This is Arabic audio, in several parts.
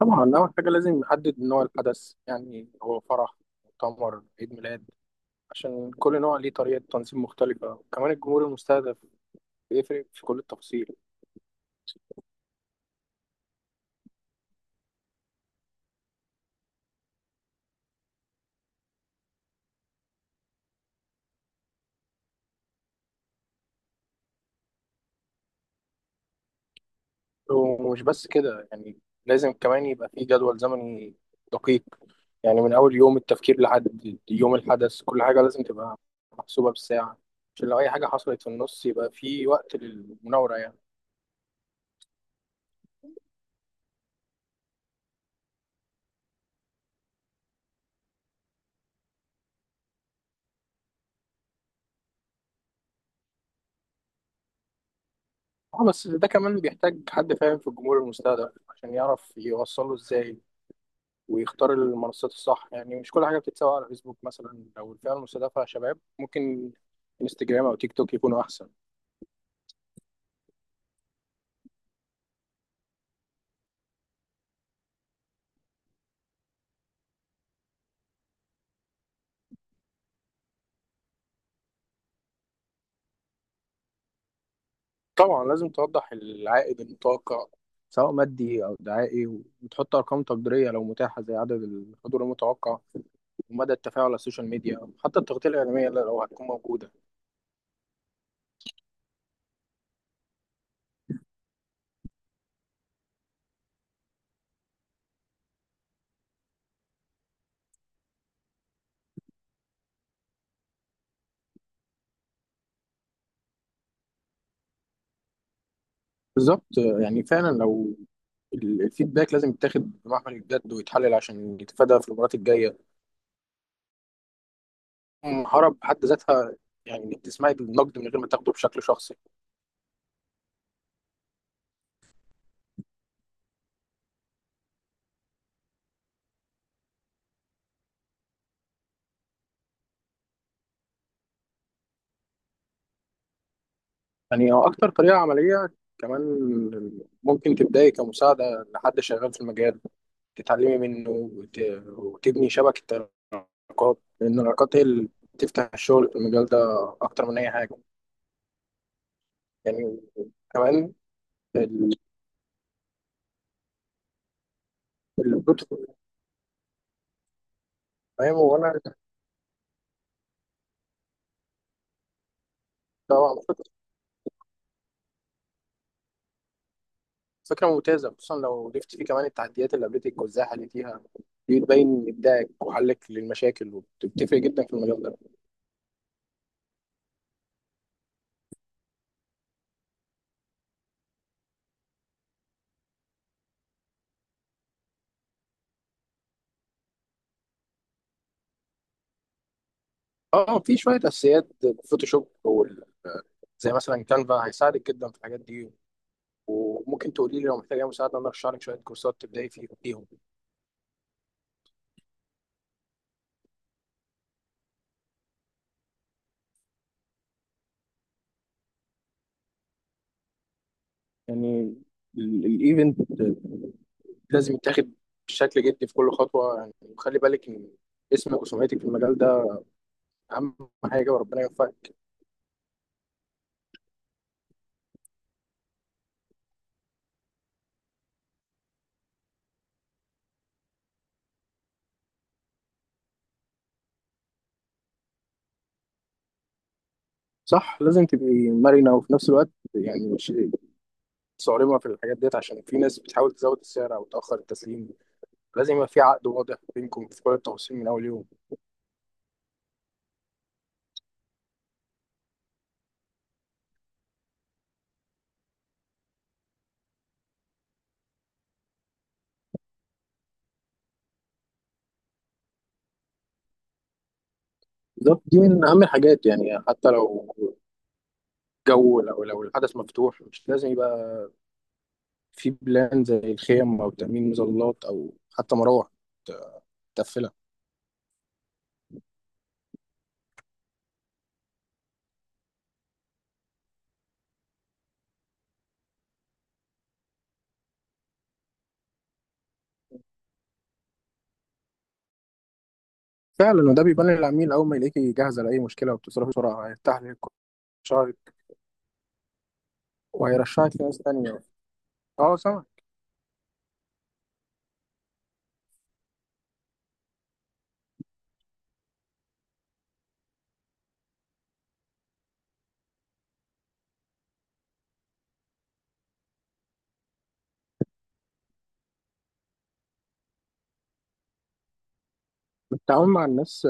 طبعا أول حاجة لازم نحدد نوع الحدث، يعني هو فرح، مؤتمر، عيد ميلاد، عشان كل نوع ليه طريقة تنظيم مختلفة، وكمان الجمهور المستهدف بيفرق في كل التفاصيل. ومش بس كده، يعني لازم كمان يبقى فيه جدول زمني دقيق، يعني من أول يوم التفكير لحد يوم الحدث كل حاجة لازم تبقى محسوبة بالساعة، عشان لو أي حاجة حصلت في النص يبقى فيه وقت للمناورة يعني. اه، بس ده كمان بيحتاج حد فاهم في الجمهور المستهدف عشان يعرف يوصله ازاي، ويختار المنصات الصح، يعني مش كل حاجة بتتسوق على فيسبوك مثلا، أو الفئة المستهدفة شباب ممكن انستجرام أو تيك توك يكونوا أحسن. طبعا لازم توضح العائد المتوقع، سواء مادي أو دعائي، وتحط أرقام تقديرية لو متاحة، زي عدد الحضور المتوقع ومدى التفاعل على السوشيال ميديا، أو حتى التغطية الإعلامية لو هتكون موجودة. بالظبط، يعني فعلا لو الفيدباك لازم يتاخد بمحمل الجد ويتحلل عشان يتفادى في المرات الجايه. المهاره بحد ذاتها، يعني انك تسمعي النقد من غير ما تاخده بشكل شخصي. يعني هو أكتر طريقة عملية، كمان ممكن تبدأي كمساعدة لحد شغال في المجال، تتعلمي منه وتبني شبكة علاقات، لأن العلاقات هي اللي بتفتح الشغل في المجال ده أكتر من أي حاجة. يعني كمان ال- البروتوكول. تمام وأنا، طبعا فكرة ممتازة، خصوصا لو ضفت فيه كمان التحديات اللي قابلتك وإزاي حليتيها، دي بتبين إبداعك وحلك للمشاكل وبتفرق جدا في المجال ده. اه، في شويه اساسيات الفوتوشوب زي مثلا كانفا هيساعدك جدا في الحاجات دي، وممكن تقولي لي لو محتاجه مساعده انا ارشح لك شويه كورسات تبداي فيهم. يعني الايفنت لازم يتاخد بشكل جدي في كل خطوه، يعني وخلي بالك ان اسمك وسمعتك في المجال ده اهم حاجه، وربنا يوفقك. صح، لازم تبقي مرنه وفي نفس الوقت يعني مش صارمه في الحاجات ديت، عشان في ناس بتحاول تزود السعر او تاخر التسليم. لازم يبقى في عقد واضح بينكم في كل التفاصيل من اول يوم. بالظبط، دي من اهم الحاجات، يعني حتى لو جو، لو الحدث مفتوح مش لازم يبقى في بلان، زي الخيم او تامين مظلات او حتى مراوح تقفلها. فعلا، وده بيبان للعميل، اول ما يلاقيكي جاهزه لاي مشكله وبتصرفي بسرعه هيرتاح لك شعرك وهيرشحك لناس تانية. اه سامع. التعامل مع الناس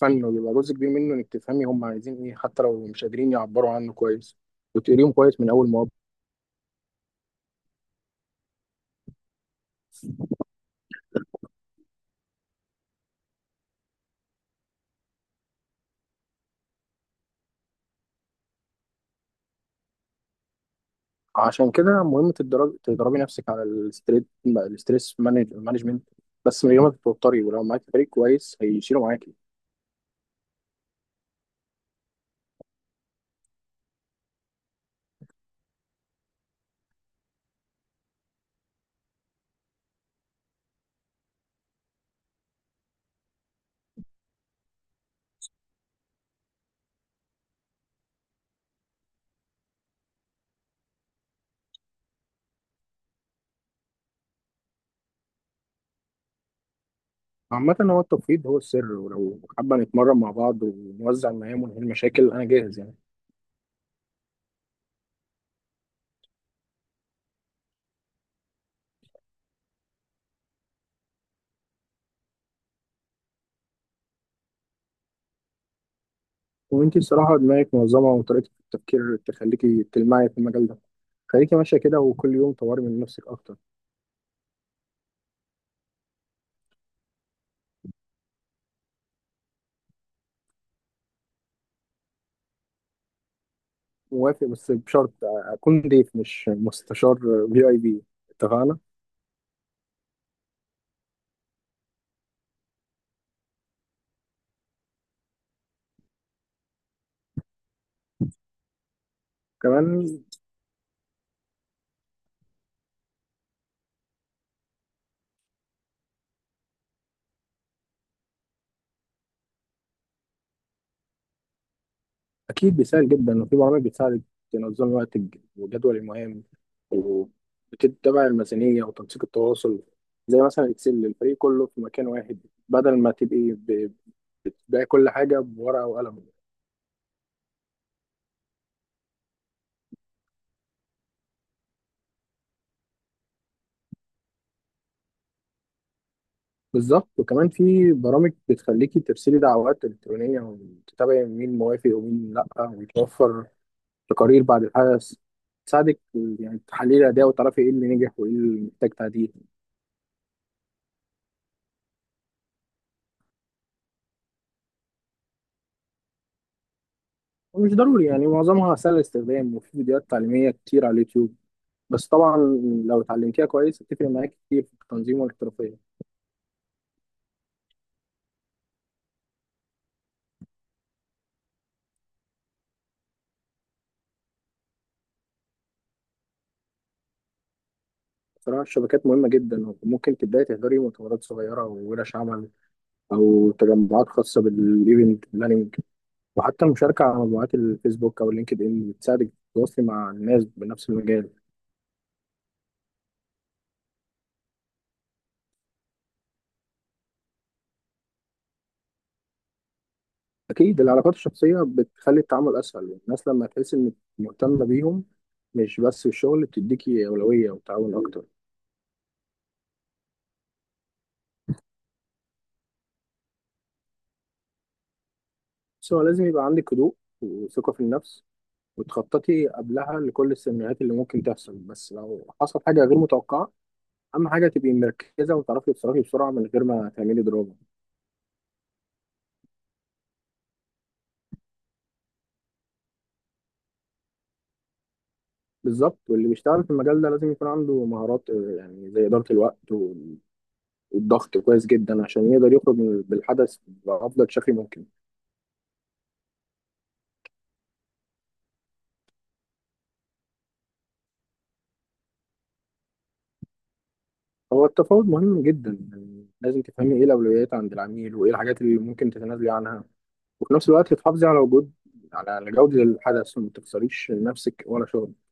فن، وبيبقى جزء كبير منه انك تفهمي هم عايزين ايه حتى لو مش قادرين يعبروا عنه كويس، وتقريهم كويس من اول مواقف. عشان كده مهم تدربي نفسك على الستريت، مانجمنت، بس من غير ما تتوتري، ولو معاك فريق كويس هيشيلوا معاكي. عامة هو التفويض هو السر، ولو حابة نتمرن مع بعض ونوزع المهام ونحل مشاكل أنا جاهز يعني. وأنتي الصراحة دماغك منظمة وطريقة التفكير تخليكي تلمعي في المجال ده، خليكي ماشية كده وكل يوم طوري من نفسك أكتر. موافق، بس بشرط اكون ضيف مش مستشار في اي بي. اتفقنا. كمان. اكيد بيساعد جدا، وفي برامج بتساعدك تنظم وقتك وجدول المهام، وبتتبع الميزانيه وتنسيق التواصل، زي مثلا اكسل، الفريق كله في مكان واحد، بدل ما بتبيعي كل حاجه بورقه وقلم. بالظبط، وكمان في برامج بتخليكي ترسلي دعوات الكترونيه وتتابعي مين موافق ومين لا، ويتوفر تقارير بعد الحدث تساعدك، يعني تحليل الأداء وتعرفي إيه اللي نجح وإيه اللي محتاج تعديل. ومش ضروري يعني، معظمها سهل الاستخدام وفي فيديوهات تعليمية كتير على اليوتيوب، بس طبعا لو اتعلمتيها كويس هتفرق معاك كتير في التنظيم والاحترافية. بصراحة الشبكات مهمة جدا، وممكن تبدأي تحضري مؤتمرات صغيرة وورش عمل، أو تجمعات خاصة بالإيفنت بلاننج، وحتى المشاركة على مجموعات الفيسبوك أو اللينكد إن بتساعدك تتواصلي مع الناس بنفس المجال. أكيد العلاقات الشخصية بتخلي التعامل أسهل، الناس لما تحس إنك مهتمة بيهم مش بس في الشغل بتديكي أولوية وتعاون أكتر. بس هو لازم يبقى عندك هدوء وثقة في النفس، وتخططي قبلها لكل السيناريوهات اللي ممكن تحصل، بس لو حصل حاجة غير متوقعة أهم حاجة تبقي مركزة وتعرفي تتصرفي بسرعة من غير ما تعملي دراما. بالظبط، واللي بيشتغل في المجال ده لازم يكون عنده مهارات يعني زي إدارة الوقت والضغط كويس جدا عشان يقدر يخرج بالحدث بأفضل شكل ممكن. هو التفاوض مهم جدا، يعني لازم تفهمي ايه الاولويات عند العميل وايه الحاجات اللي ممكن تتنازلي عنها، وفي نفس الوقت تحافظي على وجود، على جودة الحدث وما تخسريش نفسك ولا شغلك.